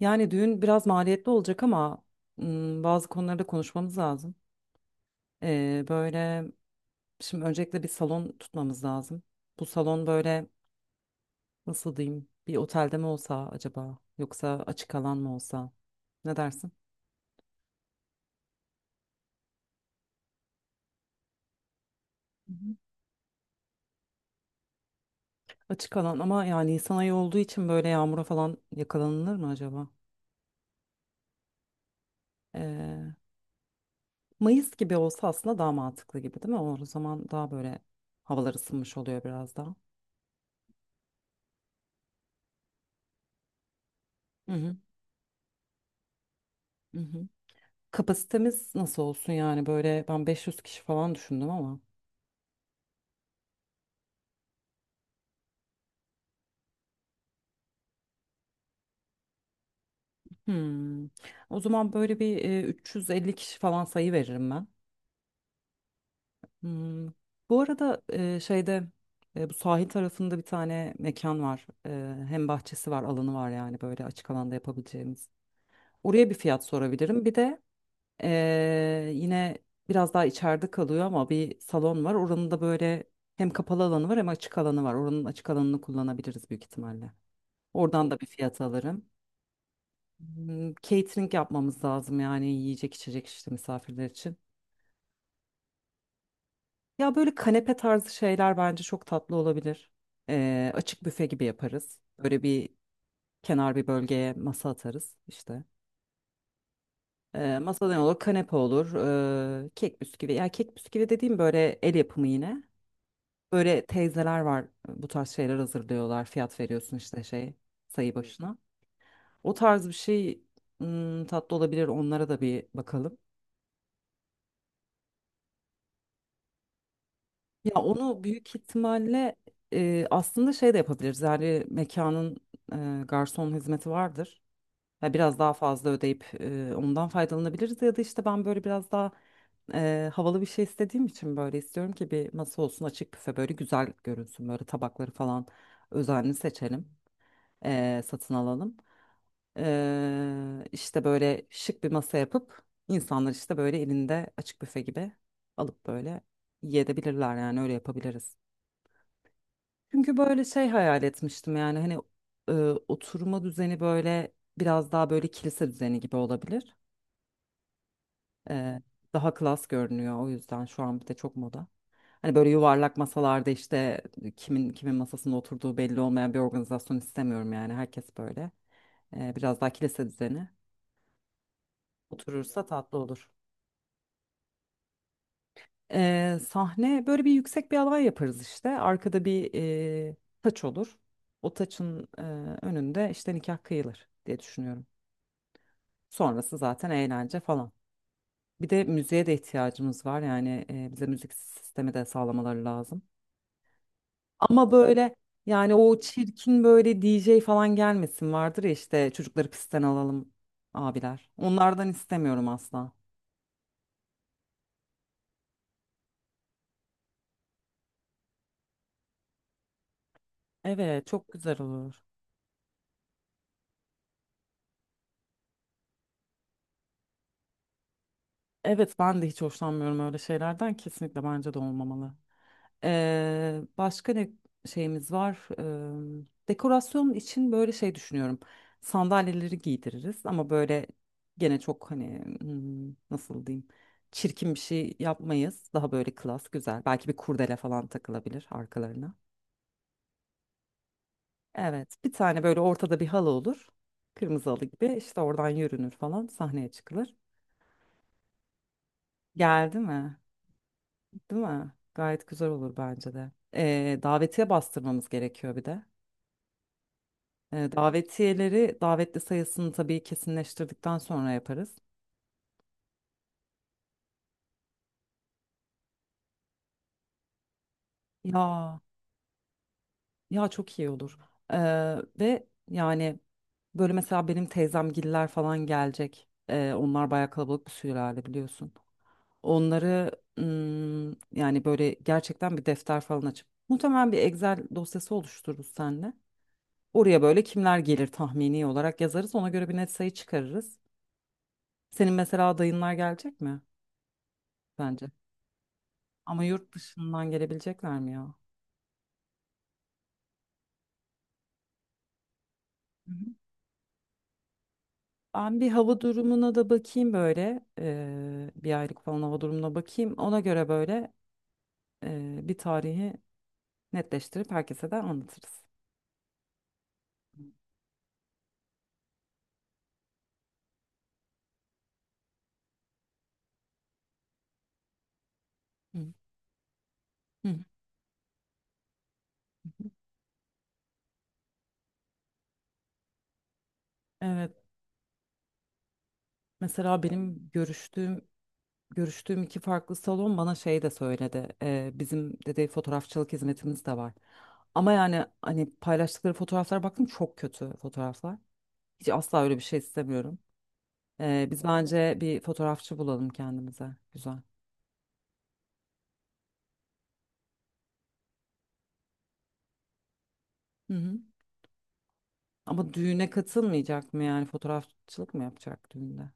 Yani düğün biraz maliyetli olacak ama bazı konularda konuşmamız lazım. Böyle şimdi öncelikle bir salon tutmamız lazım. Bu salon böyle nasıl diyeyim, bir otelde mi olsa acaba yoksa açık alan mı olsa, ne dersin? Hı hı. Açık alan ama yani Nisan ayı olduğu için böyle yağmura falan yakalanılır mı acaba? Ee, Mayıs gibi olsa aslında daha mantıklı gibi değil mi? O zaman daha böyle havalar ısınmış oluyor biraz daha. Hı hı. Hı hı. Kapasitemiz nasıl olsun yani böyle ben 500 kişi falan düşündüm ama. Hmm. O zaman böyle bir 350 kişi falan sayı veririm ben. Hmm. Bu arada şeyde bu sahil tarafında bir tane mekan var. Hem bahçesi var, alanı var yani böyle açık alanda yapabileceğimiz. Oraya bir fiyat sorabilirim. Bir de yine biraz daha içeride kalıyor ama bir salon var. Oranın da böyle hem kapalı alanı var hem açık alanı var. Oranın açık alanını kullanabiliriz büyük ihtimalle. Oradan da bir fiyat alırım. Hmm. Catering yapmamız lazım yani yiyecek içecek işte misafirler için. Ya böyle kanepe tarzı şeyler bence çok tatlı olabilir. Açık büfe gibi yaparız. Böyle bir kenar bir bölgeye masa atarız işte. Masa ne olur? Kanepe olur. Kek bisküvi. Ya kek bisküvi dediğim böyle el yapımı yine. Böyle teyzeler var, bu tarz şeyler hazırlıyorlar. Fiyat veriyorsun işte şey, sayı başına. O tarz bir şey, hmm, tatlı olabilir. Onlara da bir bakalım. Ya onu büyük ihtimalle aslında şey de yapabiliriz. Yani mekanın garson hizmeti vardır. Ya biraz daha fazla ödeyip ondan faydalanabiliriz ya da işte ben böyle biraz daha havalı bir şey istediğim için böyle istiyorum ki bir masa olsun, açık büfe böyle güzel görünsün, böyle tabakları falan özenli seçelim, satın alalım, işte böyle şık bir masa yapıp insanlar işte böyle elinde açık büfe gibi alıp böyle yiyebilirler yani, öyle yapabiliriz. Çünkü böyle şey hayal etmiştim yani, hani, e, oturma düzeni böyle biraz daha böyle kilise düzeni gibi olabilir. E, daha klas görünüyor, o yüzden şu an bir de çok moda. Hani böyle yuvarlak masalarda işte kimin kimin masasında oturduğu belli olmayan bir organizasyon istemiyorum, yani herkes böyle biraz daha kilise düzeni oturursa tatlı olur. Sahne böyle bir yüksek bir alan yaparız işte, arkada bir e, taç olur. O taçın önünde işte nikah kıyılır diye düşünüyorum. Sonrası zaten eğlence falan. Bir de müziğe de ihtiyacımız var. Yani bize müzik sistemi de sağlamaları lazım. Ama böyle yani o çirkin böyle DJ falan gelmesin, vardır ya işte, çocukları pistten alalım abiler. Onlardan istemiyorum asla. Evet, çok güzel olur. Evet, ben de hiç hoşlanmıyorum öyle şeylerden. Kesinlikle bence de olmamalı. Başka ne şeyimiz var? Dekorasyon için böyle şey düşünüyorum. Sandalyeleri giydiririz ama böyle gene çok, hani, hmm, nasıl diyeyim? Çirkin bir şey yapmayız. Daha böyle klas, güzel. Belki bir kurdele falan takılabilir arkalarına. Evet, bir tane böyle ortada bir halı olur. Kırmızı halı gibi işte, oradan yürünür falan, sahneye çıkılır. Geldi mi? Değil mi? Gayet güzel olur bence de. Davetiye bastırmamız gerekiyor bir de. Davetiyeleri davetli sayısını tabii kesinleştirdikten sonra yaparız. Ya ya çok iyi olur. E, ve yani böyle mesela benim teyzemgiller falan gelecek. Onlar bayağı kalabalık bir sülale biliyorsun. Onları mm, yani böyle gerçekten bir defter falan açıp muhtemelen bir Excel dosyası oluştururuz seninle. Oraya böyle kimler gelir tahmini olarak yazarız. Ona göre bir net sayı çıkarırız. Senin mesela dayınlar gelecek mi bence? Ama yurt dışından gelebilecekler mi ya? Hı hı. Ben bir hava durumuna da bakayım böyle. Bir aylık falan hava durumuna bakayım. Ona göre böyle bir tarihi netleştirip herkese de anlatırız. Hı. Hı hı. Evet. Mesela benim görüştüğüm iki farklı salon bana şey de söyledi. Bizim dedi fotoğrafçılık hizmetimiz de var. Ama yani hani paylaştıkları fotoğraflara baktım, çok kötü fotoğraflar. Hiç asla öyle bir şey istemiyorum. Biz bence bir fotoğrafçı bulalım kendimize. Güzel. Hı hı. Ama düğüne katılmayacak mı yani, fotoğrafçılık mı yapacak düğünde?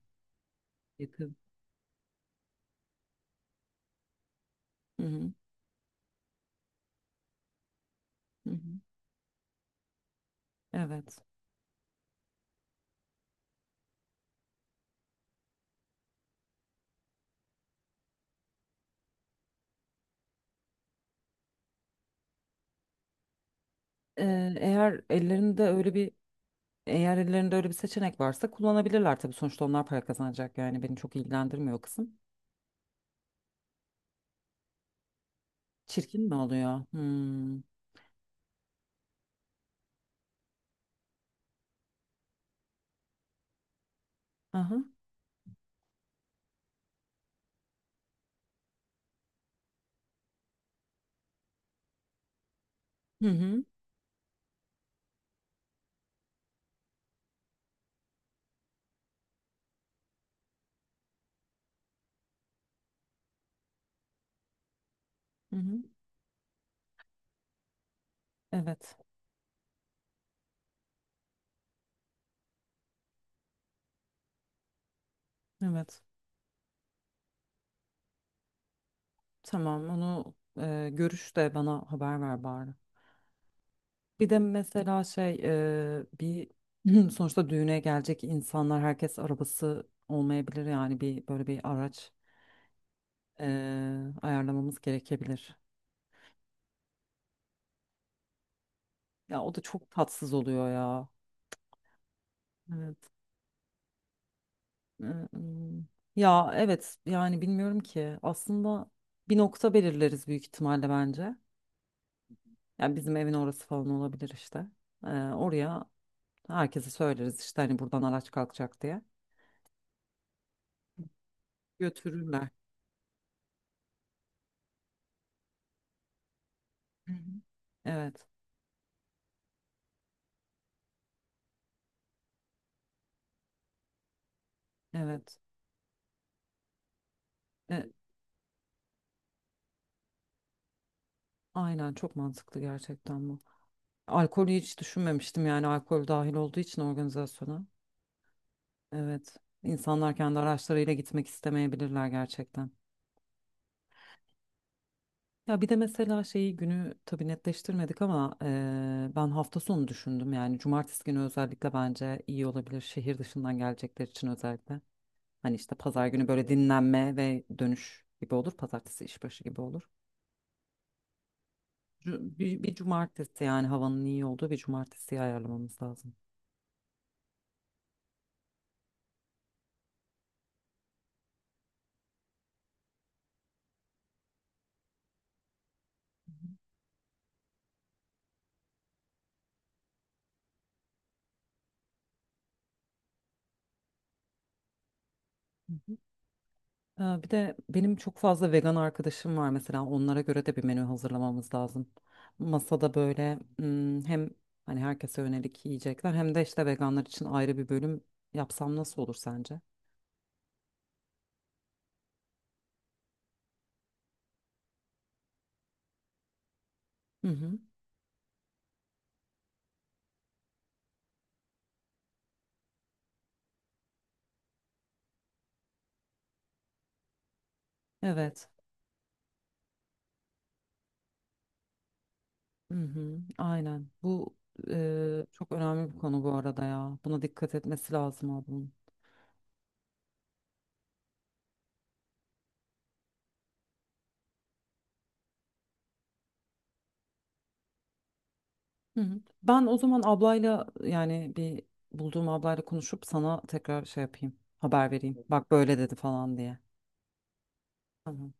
Yakın. Hı hı. Hı hı. Evet. Ee, eğer ellerinde öyle bir eğer ellerinde öyle bir seçenek varsa kullanabilirler tabii, sonuçta onlar para kazanacak, yani beni çok ilgilendirmiyor o kısım. Çirkin mi oluyor? Hmm. Aha. Hı hı. Hı hı. Evet. Evet. Tamam, onu görüş de bana haber ver bari. Bir de mesela şey, bir sonuçta düğüne gelecek insanlar, herkes arabası olmayabilir, yani bir böyle bir araç e, ayarlamamız gerekebilir. Ya o da çok tatsız oluyor ya. Evet. Ee, ım, Ya evet, yani bilmiyorum ki aslında, bir nokta belirleriz büyük ihtimalle bence. Yani bizim evin orası falan olabilir işte. Oraya herkese söyleriz işte, hani buradan araç kalkacak diye. Götürürler. Hı hı. Evet, evet. E, Aynen, çok mantıklı gerçekten bu. Alkolü hiç düşünmemiştim yani, alkol dahil olduğu için organizasyona. Evet. İnsanlar kendi araçlarıyla gitmek istemeyebilirler gerçekten. Ya bir de mesela şeyi, günü tabii netleştirmedik ama ben hafta sonu düşündüm, yani cumartesi günü özellikle bence iyi olabilir, şehir dışından gelecekler için özellikle. Hani işte pazar günü böyle dinlenme ve dönüş gibi olur. Pazartesi işbaşı gibi olur. Bir cumartesi, yani havanın iyi olduğu bir cumartesiyi ayarlamamız lazım. Bir de benim çok fazla vegan arkadaşım var, mesela onlara göre de bir menü hazırlamamız lazım. Masada böyle, hmm, hem hani herkese yönelik yiyecekler, hem de işte veganlar için ayrı bir bölüm yapsam nasıl olur sence? Hı hı. Evet. Hı hı. Aynen. Bu çok önemli bir konu bu arada ya. Buna dikkat etmesi lazım ablanın. Hı hı. Ben o zaman ablayla, yani bulduğum ablayla konuşup sana tekrar şey yapayım. Haber vereyim. Bak böyle dedi falan diye. Tamam.